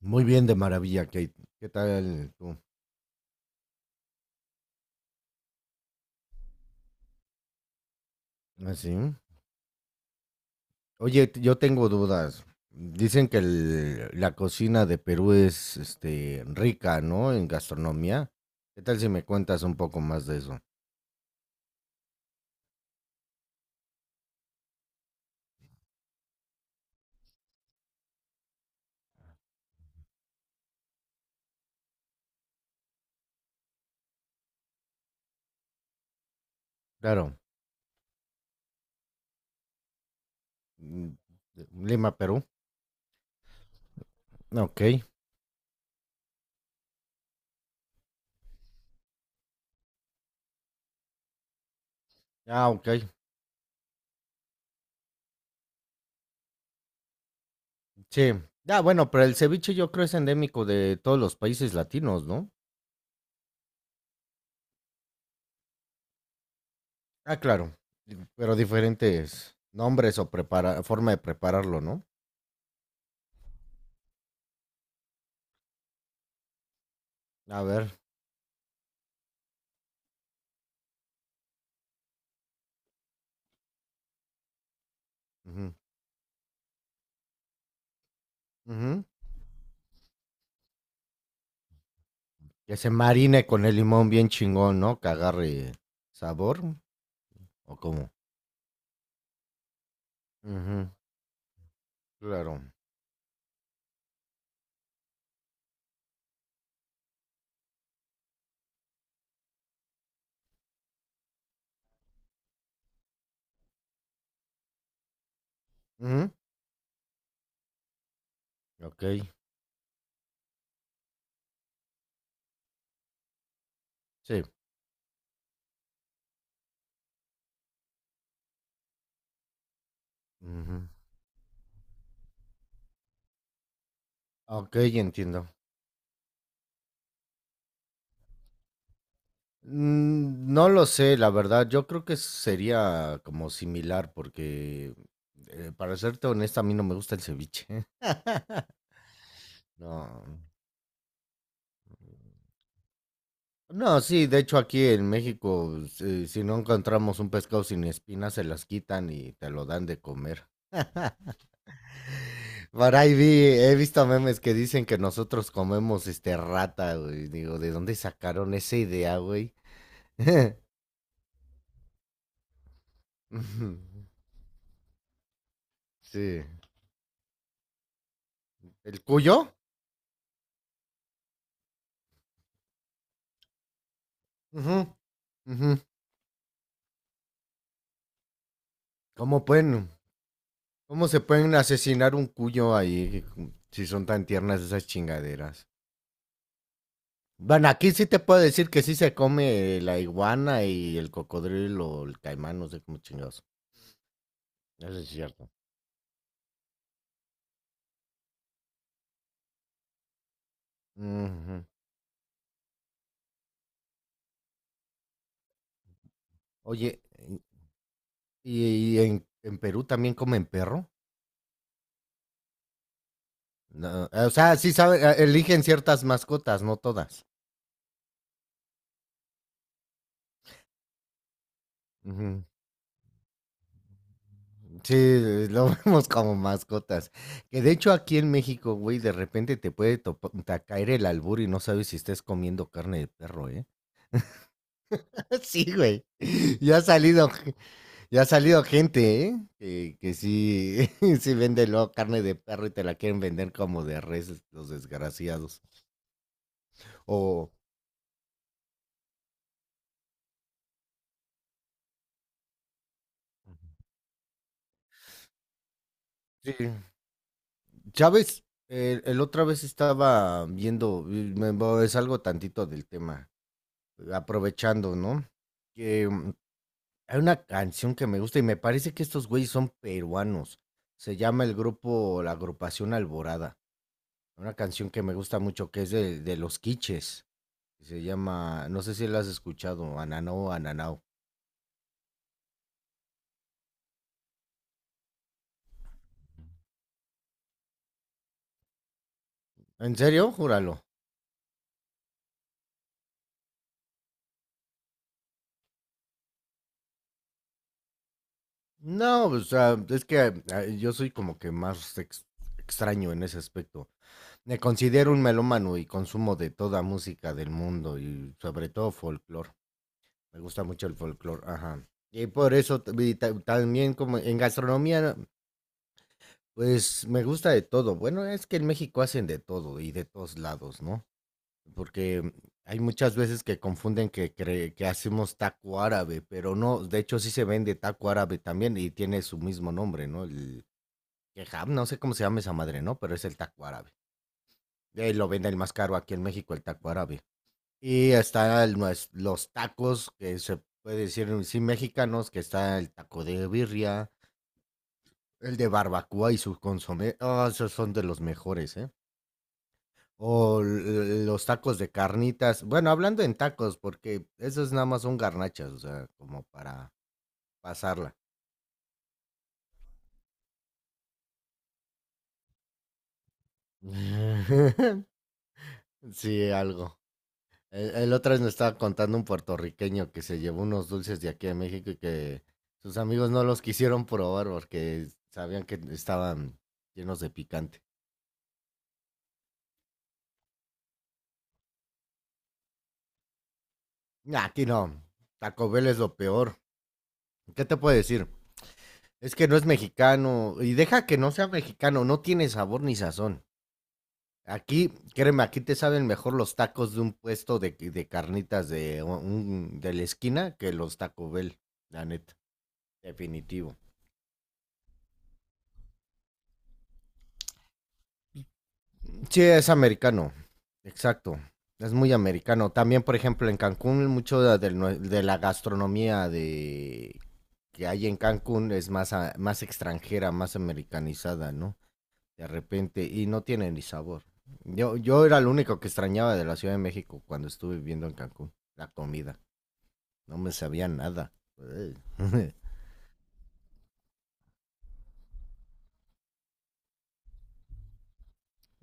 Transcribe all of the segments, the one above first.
Muy bien, de maravilla, Kate. ¿Qué tal tú? Así. Oye, yo tengo dudas. Dicen que la cocina de Perú es rica, ¿no? En gastronomía. ¿Qué tal si me cuentas un poco más de eso? Claro. mm, Lima, Perú. Ok. Ah, ok. Sí. Ah, bueno, pero el ceviche yo creo es endémico de todos los países latinos, ¿no? Ah, claro. Pero diferentes nombres o prepara forma de prepararlo, ¿no? A ver. Ujú, ujú. Que se marine con el limón bien chingón, ¿no? Que agarre sabor o cómo. Ujú, claro. Ujú, ok, sí. Ujú. Ok, entiendo. Mm, no lo sé, la verdad. Yo creo que sería como similar porque, para serte honesta, a mí no me gusta el ceviche. No. No, sí, de hecho aquí en México, si no encontramos un pescado sin espinas, se las quitan y te lo dan de comer. Por ahí he visto memes que dicen que nosotros comemos rata, güey. Digo, ¿de dónde sacaron esa idea, güey? Ujú, sí. ¿El cuyo? Ujú, ujú. ¿Cómo pueden, cómo se pueden asesinar un cuyo ahí si son tan tiernas esas chingaderas? Bueno, aquí sí te puedo decir que sí se come la iguana y el cocodrilo o el caimán, no sé cómo chingados. Eso es cierto. Ujú. Oye, ¿y en Perú también comen perro? No, o sea, sí saben, eligen ciertas mascotas, no todas. Ujú. Sí, lo vemos como mascotas. Que de hecho aquí en México, güey, de repente te puede caer el albur y no sabes si estés comiendo carne de perro, ¿eh? Sí, güey. Ya ha salido, ge- ya ha salido gente, ¿eh? Que sí, sí vende luego carne de perro y te la quieren vender como de res, los desgraciados. O, sí, Chávez, el otra vez estaba viendo, es algo tantito del tema, aprovechando, ¿no? Que hay una canción que me gusta y me parece que estos güeyes son peruanos. Se llama el grupo, la agrupación Alborada. Una canción que me gusta mucho, que es de Los Quiches. Se llama, no sé si la has escuchado, Ananao, Ananao. ¿En serio? Júralo. No, o sea, es que yo soy como que más extraño en ese aspecto. Me considero un melómano y consumo de toda música del mundo y sobre todo folclore. Me gusta mucho el folclore, ajá. Y por eso también como en gastronomía, pues me gusta de todo. Bueno, es que en México hacen de todo y de todos lados, ¿no? Porque hay muchas veces que confunden que hacemos taco árabe, pero no, de hecho sí se vende taco árabe también y tiene su mismo nombre, ¿no? El kebab, no sé cómo se llama esa madre, ¿no? Pero es el taco árabe. Y lo venden el más caro aquí en México, el taco árabe. Y están los tacos, que se puede decir sí mexicanos, que está el taco de birria, el de barbacoa y su consomé. Oh, esos son de los mejores, ¿eh? O los tacos de carnitas. Bueno, hablando en tacos, porque esos nada más son garnachas, o sea, como para pasarla. Sí, algo. El otra vez me estaba contando un puertorriqueño que se llevó unos dulces de aquí a México y que sus amigos no los quisieron probar porque sabían que estaban llenos de picante. Nah, aquí no. Taco Bell es lo peor. ¿Qué te puedo decir? Es que no es mexicano. Y deja que no sea mexicano. No tiene sabor ni sazón. Aquí, créeme, aquí te saben mejor los tacos de un puesto de carnitas de la esquina que los Taco Bell. La neta. Definitivo. Sí, es americano. Exacto. Es muy americano. También, por ejemplo, en Cancún, mucho de la gastronomía de que hay en Cancún es más, más extranjera, más americanizada, ¿no? De repente, y no tiene ni sabor. Yo era lo único que extrañaba de la Ciudad de México cuando estuve viviendo en Cancún, la comida. No me sabía nada. Ey.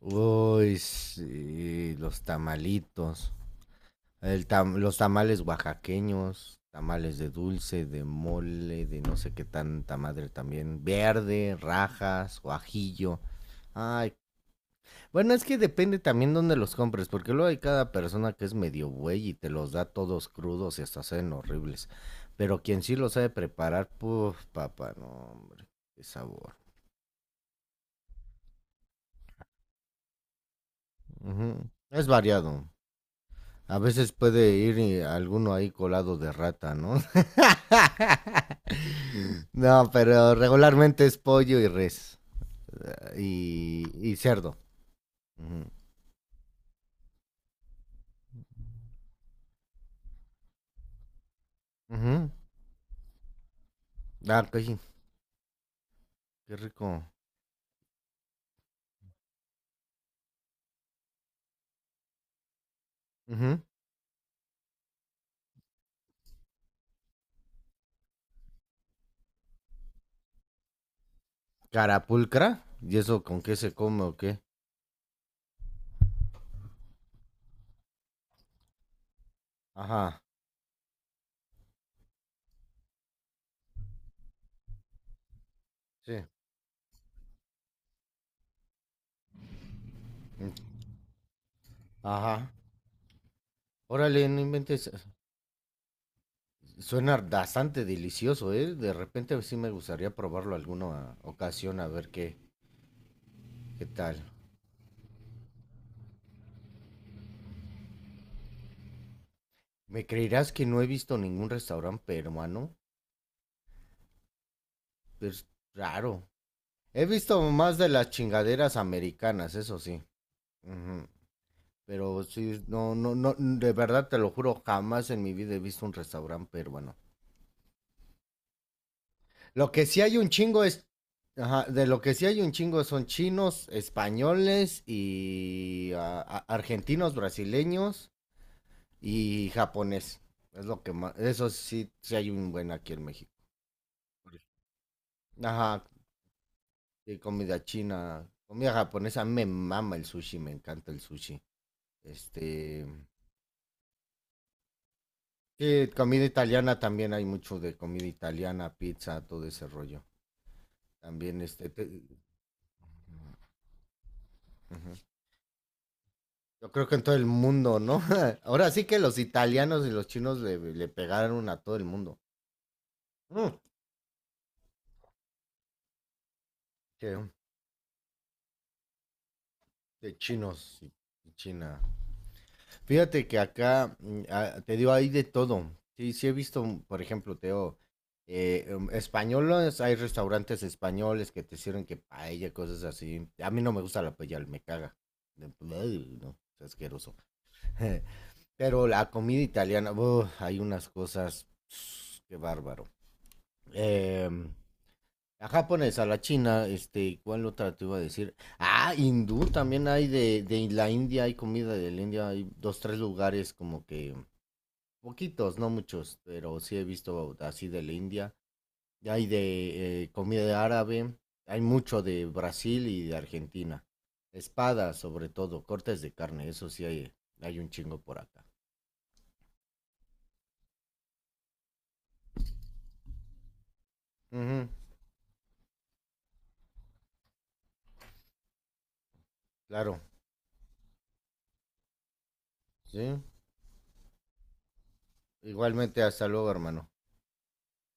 Uy, sí, los tamalitos. Los tamales oaxaqueños, tamales de dulce, de mole, de no sé qué tanta madre también, verde, rajas, guajillo. Ay, bueno, es que depende también dónde los compres, porque luego hay cada persona que es medio buey y te los da todos crudos y hasta saben horribles. Pero quien sí lo sabe preparar, puf, papá, no, hombre, qué sabor. Ujú. Es variado. A veces puede ir alguno ahí colado de rata, ¿no? No, pero regularmente es pollo y res. eh, Y, y cerdo. Ujú. Ujú. Ah, qué, qué rico. Ujú. Carapulcra. ¿Y eso con qué se come o qué? Ajá, sí. Mm, ajá. Órale, no inventes. Suena bastante delicioso, ¿eh? De repente sí me gustaría probarlo alguna ocasión a ver qué, qué tal. ¿Me creerás que no he visto ningún restaurante peruano? Es raro. He visto más de las chingaderas americanas, eso sí. Ujú. Pero sí, no, no, no, de verdad te lo juro, jamás en mi vida he visto un restaurante peruano. Lo que sí hay un chingo es, ajá, de lo que sí hay un chingo son chinos, españoles y argentinos, brasileños y japonés. Es lo que más, eso sí, sí hay un buen aquí en México. Ajá, de comida china, comida japonesa, me mama el sushi, me encanta el sushi. Este, Sí, comida italiana también hay mucho de comida italiana, pizza, todo ese rollo. También ujú. Yo creo que en todo el mundo, ¿no? Ahora sí que los italianos y los chinos le pegaron a todo el mundo. Mm, que de chinos y China. Fíjate que acá, te digo, hay de todo. Sí, sí he visto, por ejemplo, te digo, españoles, hay restaurantes españoles que te sirven que paella, cosas así. A mí no me gusta la paella, me caga. ¡Ugh! No, es asqueroso. Pero la comida italiana, ¡buh! Hay unas cosas, qué bárbaro. Em, la japonesa, la china, ¿cuál otra te iba a decir? Ah, hindú también hay de la India, hay comida de la India, hay dos, tres lugares como que poquitos, no muchos, pero sí he visto así de la India. Y hay de comida árabe, hay mucho de Brasil y de Argentina. Espadas, sobre todo, cortes de carne, eso sí hay un chingo por acá. Ujú, claro, sí. Igualmente, hasta luego, hermano.